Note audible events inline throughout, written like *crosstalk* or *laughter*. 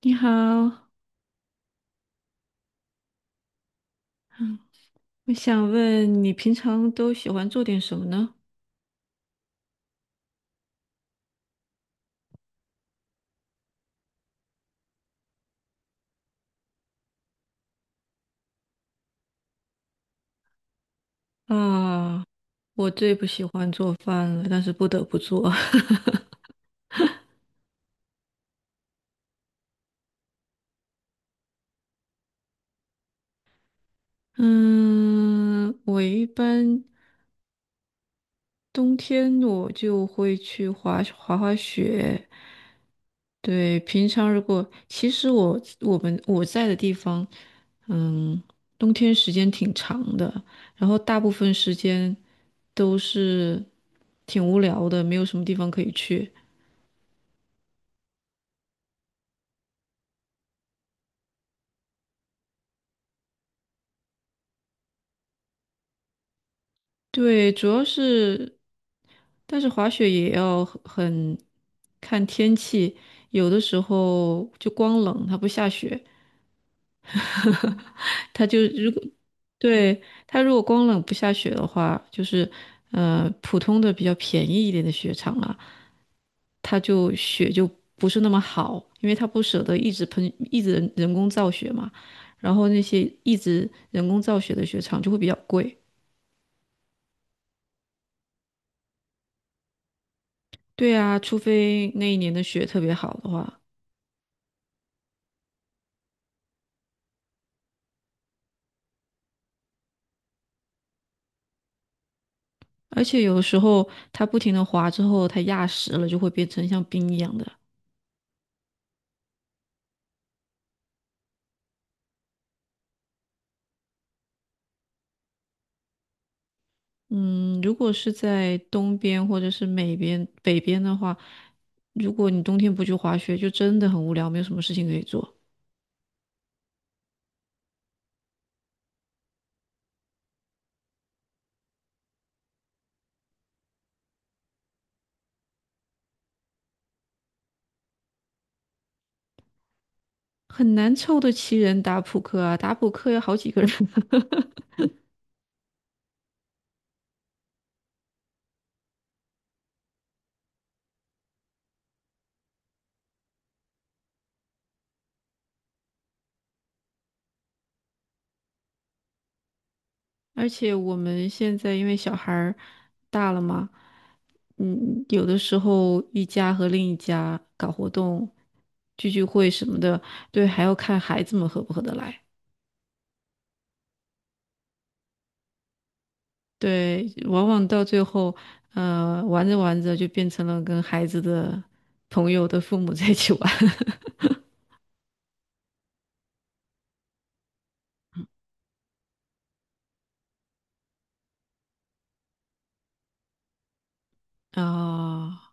你好，我想问你平常都喜欢做点什么呢？啊，我最不喜欢做饭了，但是不得不做。*laughs* 嗯，我一般冬天我就会去滑雪。对，平常如果其实我我们我在的地方，嗯，冬天时间挺长的，然后大部分时间都是挺无聊的，没有什么地方可以去。对，主要是，但是滑雪也要很看天气，有的时候就光冷，它不下雪，*laughs* 它就如果对它如果光冷不下雪的话，就是普通的比较便宜一点的雪场啊，它就雪就不是那么好，因为它不舍得一直喷，一直人工造雪嘛，然后那些一直人工造雪的雪场就会比较贵。对啊，除非那一年的雪特别好的话，而且有的时候它不停的滑之后，它压实了就会变成像冰一样的。嗯，如果是在东边或者是美边、北边的话，如果你冬天不去滑雪，就真的很无聊，没有什么事情可以做，很难凑得齐人打扑克啊。打扑克要好几个人。*laughs* 而且我们现在因为小孩儿大了嘛，有的时候一家和另一家搞活动、聚聚会什么的，对，还要看孩子们合不合得来。对，往往到最后，玩着玩着就变成了跟孩子的朋友的父母 *laughs* 在一起玩。*laughs* 啊、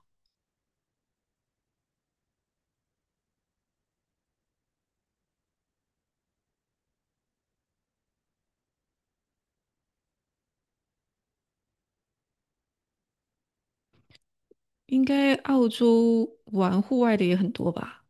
应该澳洲玩户外的也很多吧？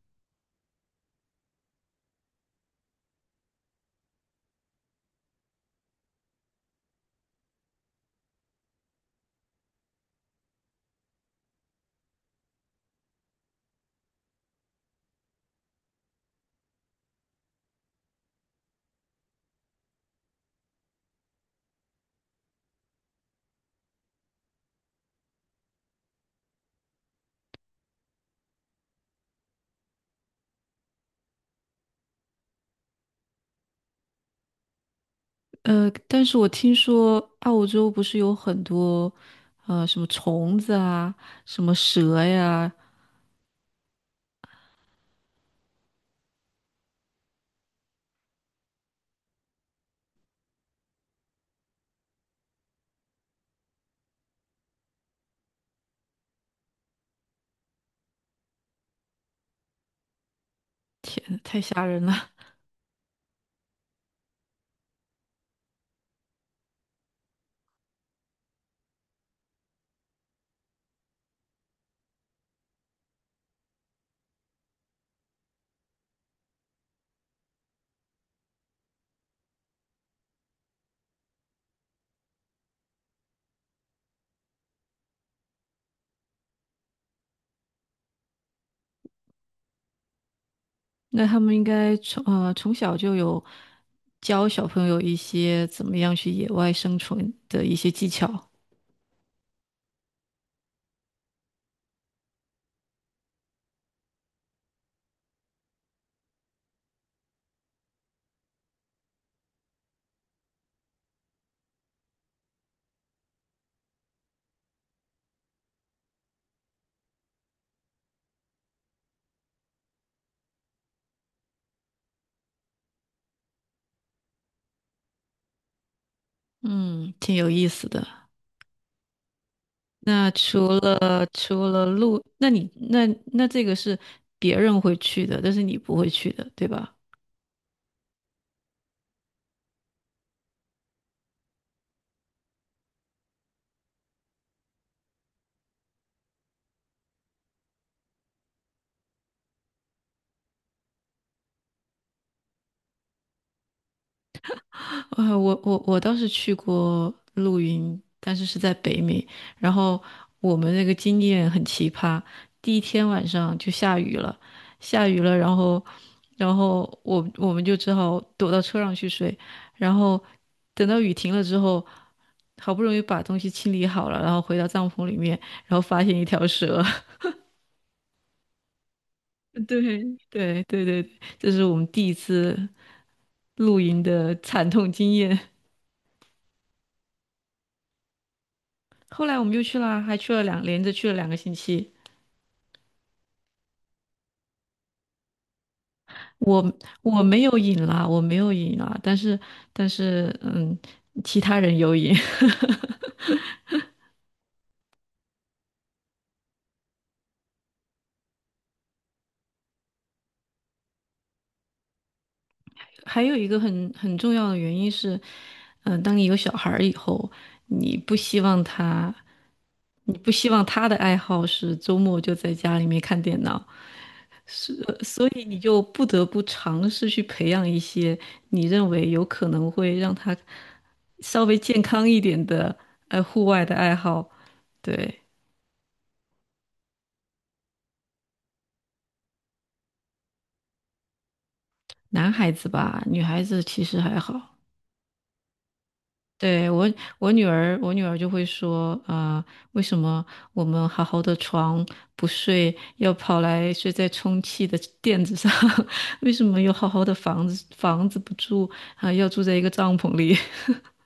但是我听说澳洲不是有很多，什么虫子啊，什么蛇呀，天，太吓人了。*laughs* 那他们应该从从小就有教小朋友一些怎么样去野外生存的一些技巧，嗯，挺有意思的。那除了路，那你那那这个是别人会去的，但是你不会去的，对吧？啊，我倒是去过露营，但是是在北美。然后我们那个经验很奇葩，第一天晚上就下雨了，下雨了，然后然后我们就只好躲到车上去睡。然后等到雨停了之后，好不容易把东西清理好了，然后回到帐篷里面，然后发现一条蛇。*laughs* 对，对对对，对这是我们第一次露营的惨痛经验。后来我们就去了，还去了两，连着去了两个星期。我我没有瘾啦，我没有瘾啦，但是但是其他人有瘾。*laughs* 还有一个很重要的原因是，嗯、当你有小孩儿以后，你不希望他，你不希望他的爱好是周末就在家里面看电脑，是，所以你就不得不尝试去培养一些你认为有可能会让他稍微健康一点的，户外的爱好。对，男孩子吧，女孩子其实还好。对，我，我女儿，我女儿就会说，啊、为什么我们好好的床不睡，要跑来睡在充气的垫子上？*laughs* 为什么有好好的房子，房子不住，啊、要住在一个帐篷里？*laughs*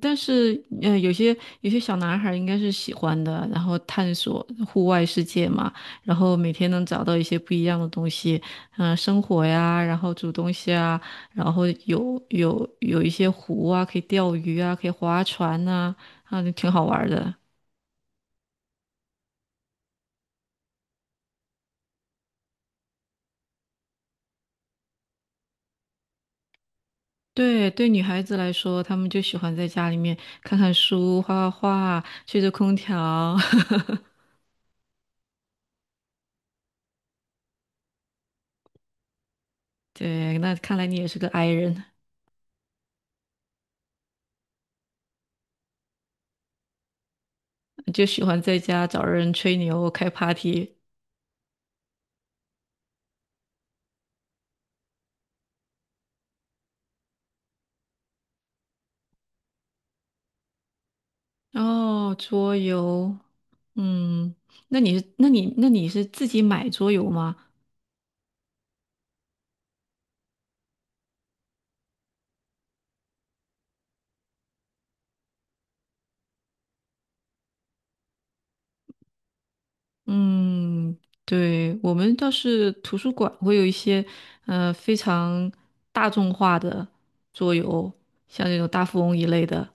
但是，有些小男孩儿应该是喜欢的，然后探索户外世界嘛，然后每天能找到一些不一样的东西，嗯、生火呀，然后煮东西啊，然后有一些湖啊，可以钓鱼啊，可以划船呐、啊，就挺好玩儿的。对对，女孩子来说，她们就喜欢在家里面看看书、画画画、吹着空调。*laughs* 对，那看来你也是个 i 人，就喜欢在家找人吹牛、开 party。哦，桌游，嗯，那你是自己买桌游吗？嗯，对，我们倒是图书馆会有一些，非常大众化的桌游，像那种大富翁一类的。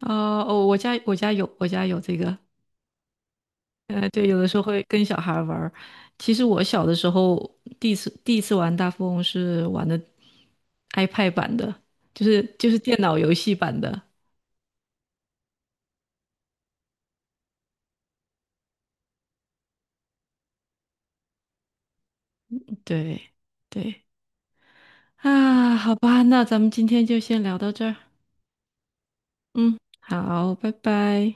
啊、哦，我家有，我家有这个，对，有的时候会跟小孩儿玩儿。其实我小的时候第一次玩大富翁是玩的 iPad 版的，就是电脑游戏版的。对对啊，好吧，那咱们今天就先聊到这儿。嗯，好，拜拜。